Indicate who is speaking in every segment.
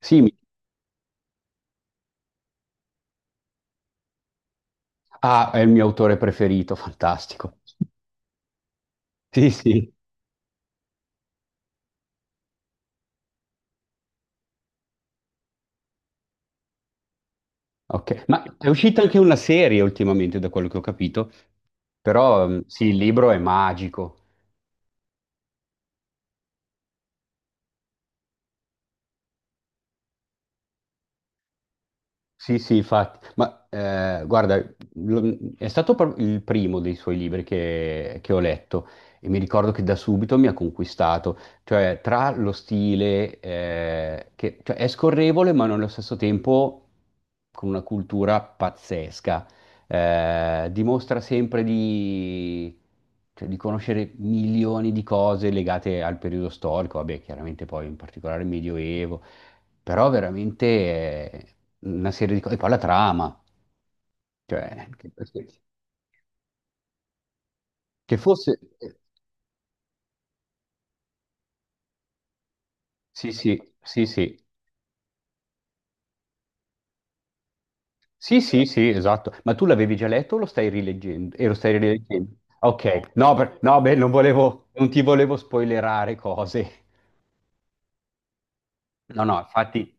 Speaker 1: Sì, mi- ah, è il mio autore preferito, fantastico. Sì, sì, ok. Ma è uscita anche una serie ultimamente, da quello che ho capito, però sì, il libro è magico. Sì, sì, infatti, guarda, è stato il primo dei suoi libri che ho letto e mi ricordo che da subito mi ha conquistato, cioè tra lo stile che cioè, è scorrevole ma nello stesso tempo con una cultura pazzesca. Dimostra sempre di, cioè, di conoscere milioni di cose legate al periodo storico, vabbè, chiaramente poi in particolare il Medioevo. Però veramente una serie di cose. E poi la trama, cioè, che, che fosse... Sì, sì, sì, sì. Sì, sì, sì, esatto. Ma tu l'avevi già letto o lo stai rileggendo? E lo stai rileggendo? Ok, no, no, beh, non volevo, non ti volevo spoilerare cose. No, no, infatti,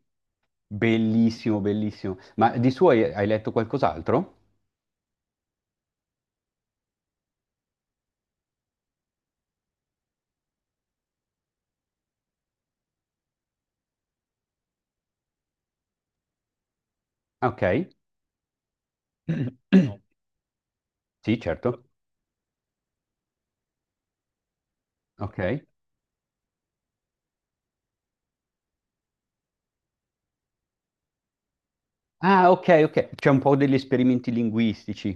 Speaker 1: bellissimo, bellissimo. Ma di suo hai, hai letto qualcos'altro? Ok. Sì, certo. Ok. Ah, ok, ok. C'è un po' degli esperimenti linguistici.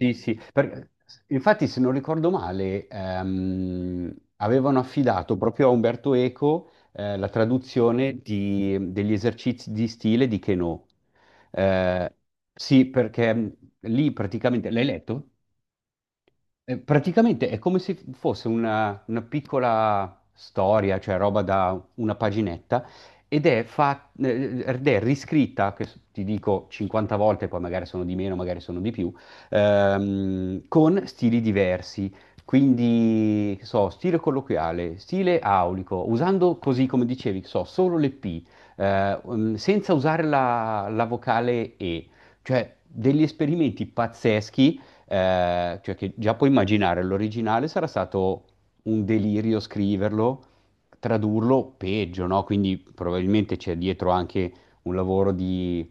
Speaker 1: Sì, sì, infatti se non ricordo male, avevano affidato proprio a Umberto Eco, la traduzione degli esercizi di stile di Queneau. Eh, sì, perché lì praticamente... L'hai letto? Praticamente è come se fosse una piccola storia, cioè roba da una paginetta, ed è, ed è riscritta, ti dico 50 volte, poi magari sono di meno, magari sono di più, con stili diversi. Quindi, che so, stile colloquiale, stile aulico, usando così come dicevi, che so, solo le P, senza usare la vocale E, cioè degli esperimenti pazzeschi, cioè che già puoi immaginare, l'originale sarà stato un delirio scriverlo, tradurlo peggio, no? Quindi probabilmente c'è dietro anche un lavoro di,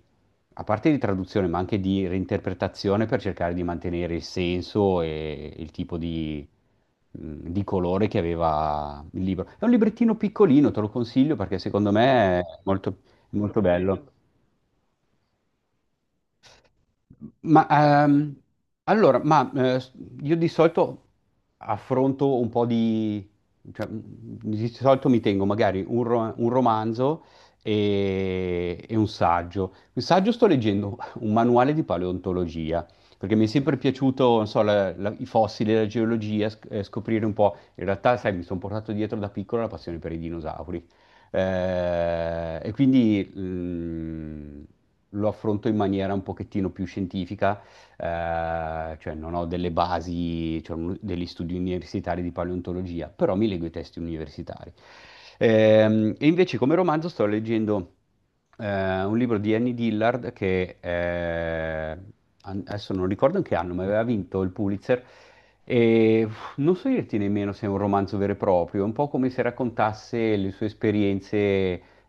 Speaker 1: a parte di traduzione, ma anche di reinterpretazione per cercare di mantenere il senso e il tipo di colore che aveva il libro. È un librettino piccolino, te lo consiglio perché secondo me è molto, molto bello. Ma ehm, allora, io di solito affronto un po' di, cioè, di solito mi tengo magari un romanzo e un saggio. Un saggio, sto leggendo un manuale di paleontologia, perché mi è sempre piaciuto, non so, i fossili, la geologia, scoprire un po'. In realtà, sai, mi sono portato dietro da piccolo la passione per i dinosauri. E quindi lo affronto in maniera un pochettino più scientifica, cioè non ho delle basi, cioè degli studi universitari di paleontologia, però mi leggo i testi universitari. E invece come romanzo sto leggendo un libro di Annie Dillard che adesso non ricordo in che anno, ma aveva vinto il Pulitzer. Non so dirti nemmeno se è un romanzo vero e proprio, è un po' come se raccontasse le sue esperienze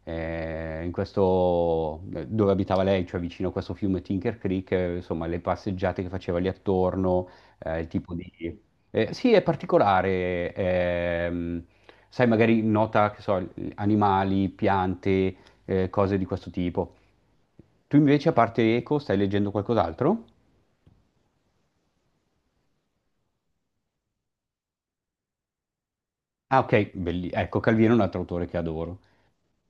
Speaker 1: in questo, dove abitava lei, cioè vicino a questo fiume Tinker Creek, insomma, le passeggiate che faceva lì attorno, il tipo di... Sì, è particolare. Sai, magari nota, che so, animali, piante, cose di questo tipo. Tu invece, a parte Eco, stai leggendo qualcos'altro? Ah, ok, ecco, Calvino è un altro autore che adoro.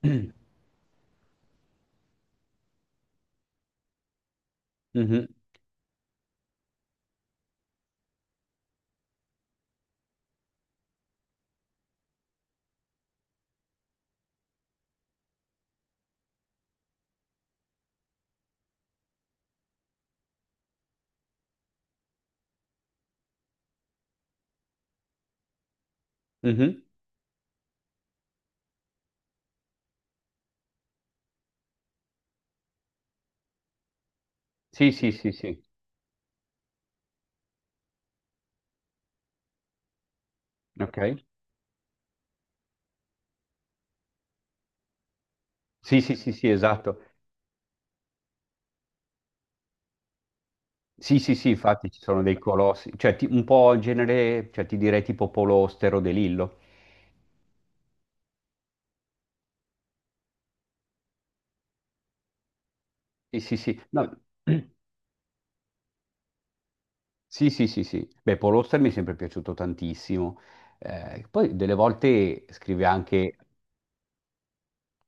Speaker 1: Mhm, mhm. Sì, sì, sì, sì, ok. Sì, sì, sì, sì, esatto. Sì, sì, sì, infatti ci sono dei colossi, cioè un po' in genere, cioè ti direi tipo Polostero De Lillo. Sì, sì, sì, no. Sì, sì, sì, sì. Beh, Paul Auster mi è sempre piaciuto tantissimo. Poi delle volte scrive anche,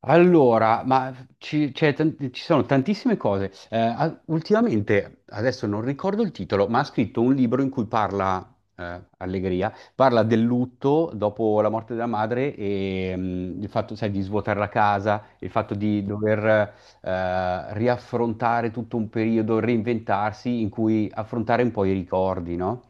Speaker 1: allora, c'è ci sono tantissime cose. Ultimamente, adesso non ricordo il titolo, ma ha scritto un libro in cui parla, Allegria, parla del lutto dopo la morte della madre, e il fatto, sai, di svuotare la casa, il fatto di dover riaffrontare tutto un periodo, reinventarsi in cui affrontare un po' i ricordi, no?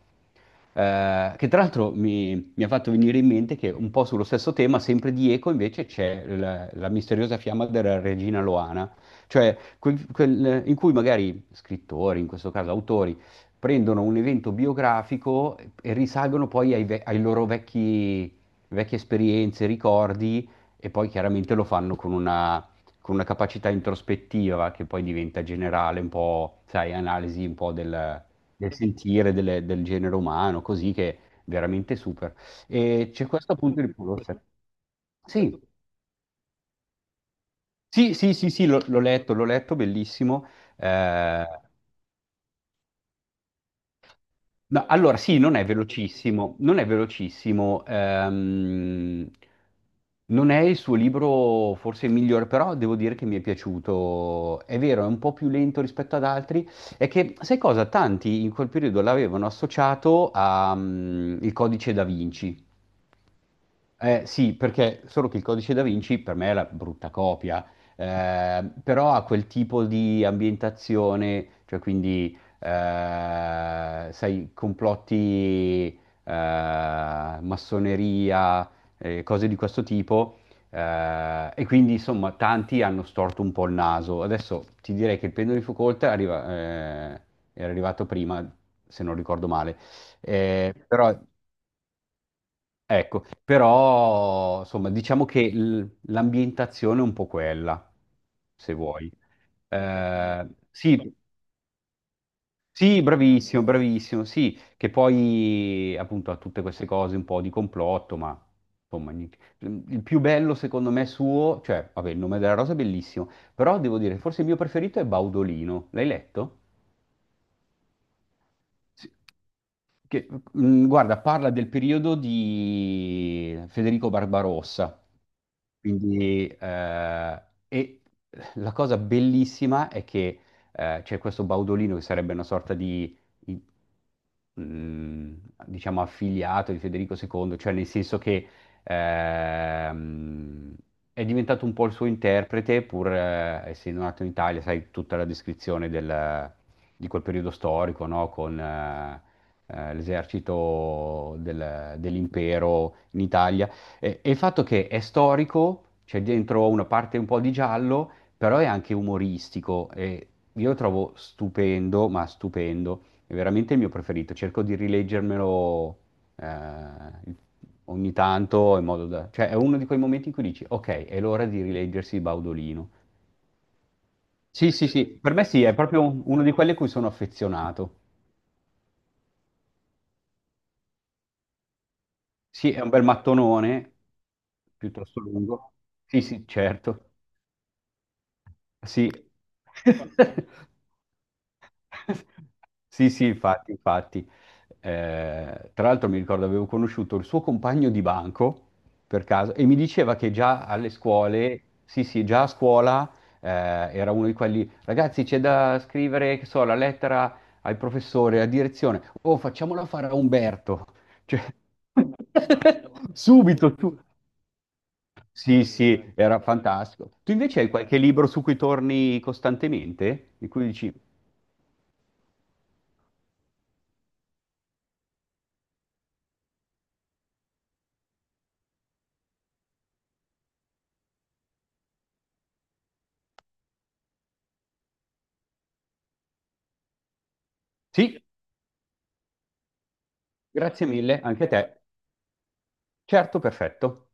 Speaker 1: Che tra l'altro mi, mi ha fatto venire in mente che un po' sullo stesso tema, sempre di Eco, invece c'è la, la misteriosa fiamma della regina Loana, cioè in cui magari scrittori, in questo caso autori, prendono un evento biografico e risalgono poi ai loro vecchi, vecchie esperienze, ricordi, e poi chiaramente lo fanno con una capacità introspettiva che poi diventa generale, un po', sai, analisi un po' del del sentire del genere umano, così che è veramente super. E c'è questo appunto di Pulitzer. Sì, sì, sì, sì, sì, l'ho letto, bellissimo. Eh, no, allora, sì, non è velocissimo, non è velocissimo. Non è il suo libro forse il migliore, però devo dire che mi è piaciuto. È vero, è un po' più lento rispetto ad altri. È che, sai cosa? Tanti in quel periodo l'avevano associato al Codice da Vinci. Sì, perché solo che il codice da Vinci per me è la brutta copia, però ha quel tipo di ambientazione, cioè quindi, sai, complotti, massoneria, cose di questo tipo, e quindi insomma tanti hanno storto un po' il naso. Adesso ti direi che il pendolo di Foucault eh, era arrivato prima, se non ricordo male. Però ecco, però insomma, diciamo che l'ambientazione è un po' quella, se vuoi. Sì, sì, bravissimo, bravissimo, sì, che poi appunto ha tutte queste cose un po' di complotto, ma insomma, il più bello secondo me suo, cioè, vabbè, il nome della rosa è bellissimo, però devo dire, forse il mio preferito è Baudolino, l'hai letto? Sì, che, guarda, parla del periodo di Federico Barbarossa, quindi, e la cosa bellissima è che c'è questo Baudolino che sarebbe una sorta di, i- mm, diciamo, affiliato di Federico II, cioè nel senso che ehm, è diventato un po' il suo interprete, pur essendo nato in Italia, sai, tutta la descrizione di quel periodo storico, no? Con l'esercito dell'impero in Italia. E il fatto che è storico, c'è dentro una parte un po' di giallo, però è anche umoristico e io lo trovo stupendo, ma stupendo. È veramente il mio preferito. Cerco di rileggermelo eh, ogni tanto in modo da... Cioè è uno di quei momenti in cui dici, ok, è l'ora di rileggersi Baudolino. Sì, sì, sì, per me sì, è proprio un- uno di quelli a cui sono affezionato. Sì, è un bel mattonone, piuttosto lungo. Sì, sì, certo. Sì. Sì, sì, infatti, infatti. Tra l'altro mi ricordo avevo conosciuto il suo compagno di banco per caso e mi diceva che già alle scuole, sì, sì, già a scuola era uno di quelli, ragazzi, c'è da scrivere, che so, la lettera al professore, a direzione. Oh, facciamola fare a Umberto. Cioè, subito, su- sì, sì, era fantastico. Tu invece hai qualche libro su cui torni costantemente? Di cui dici, sì, grazie mille, anche a te. Certo, perfetto.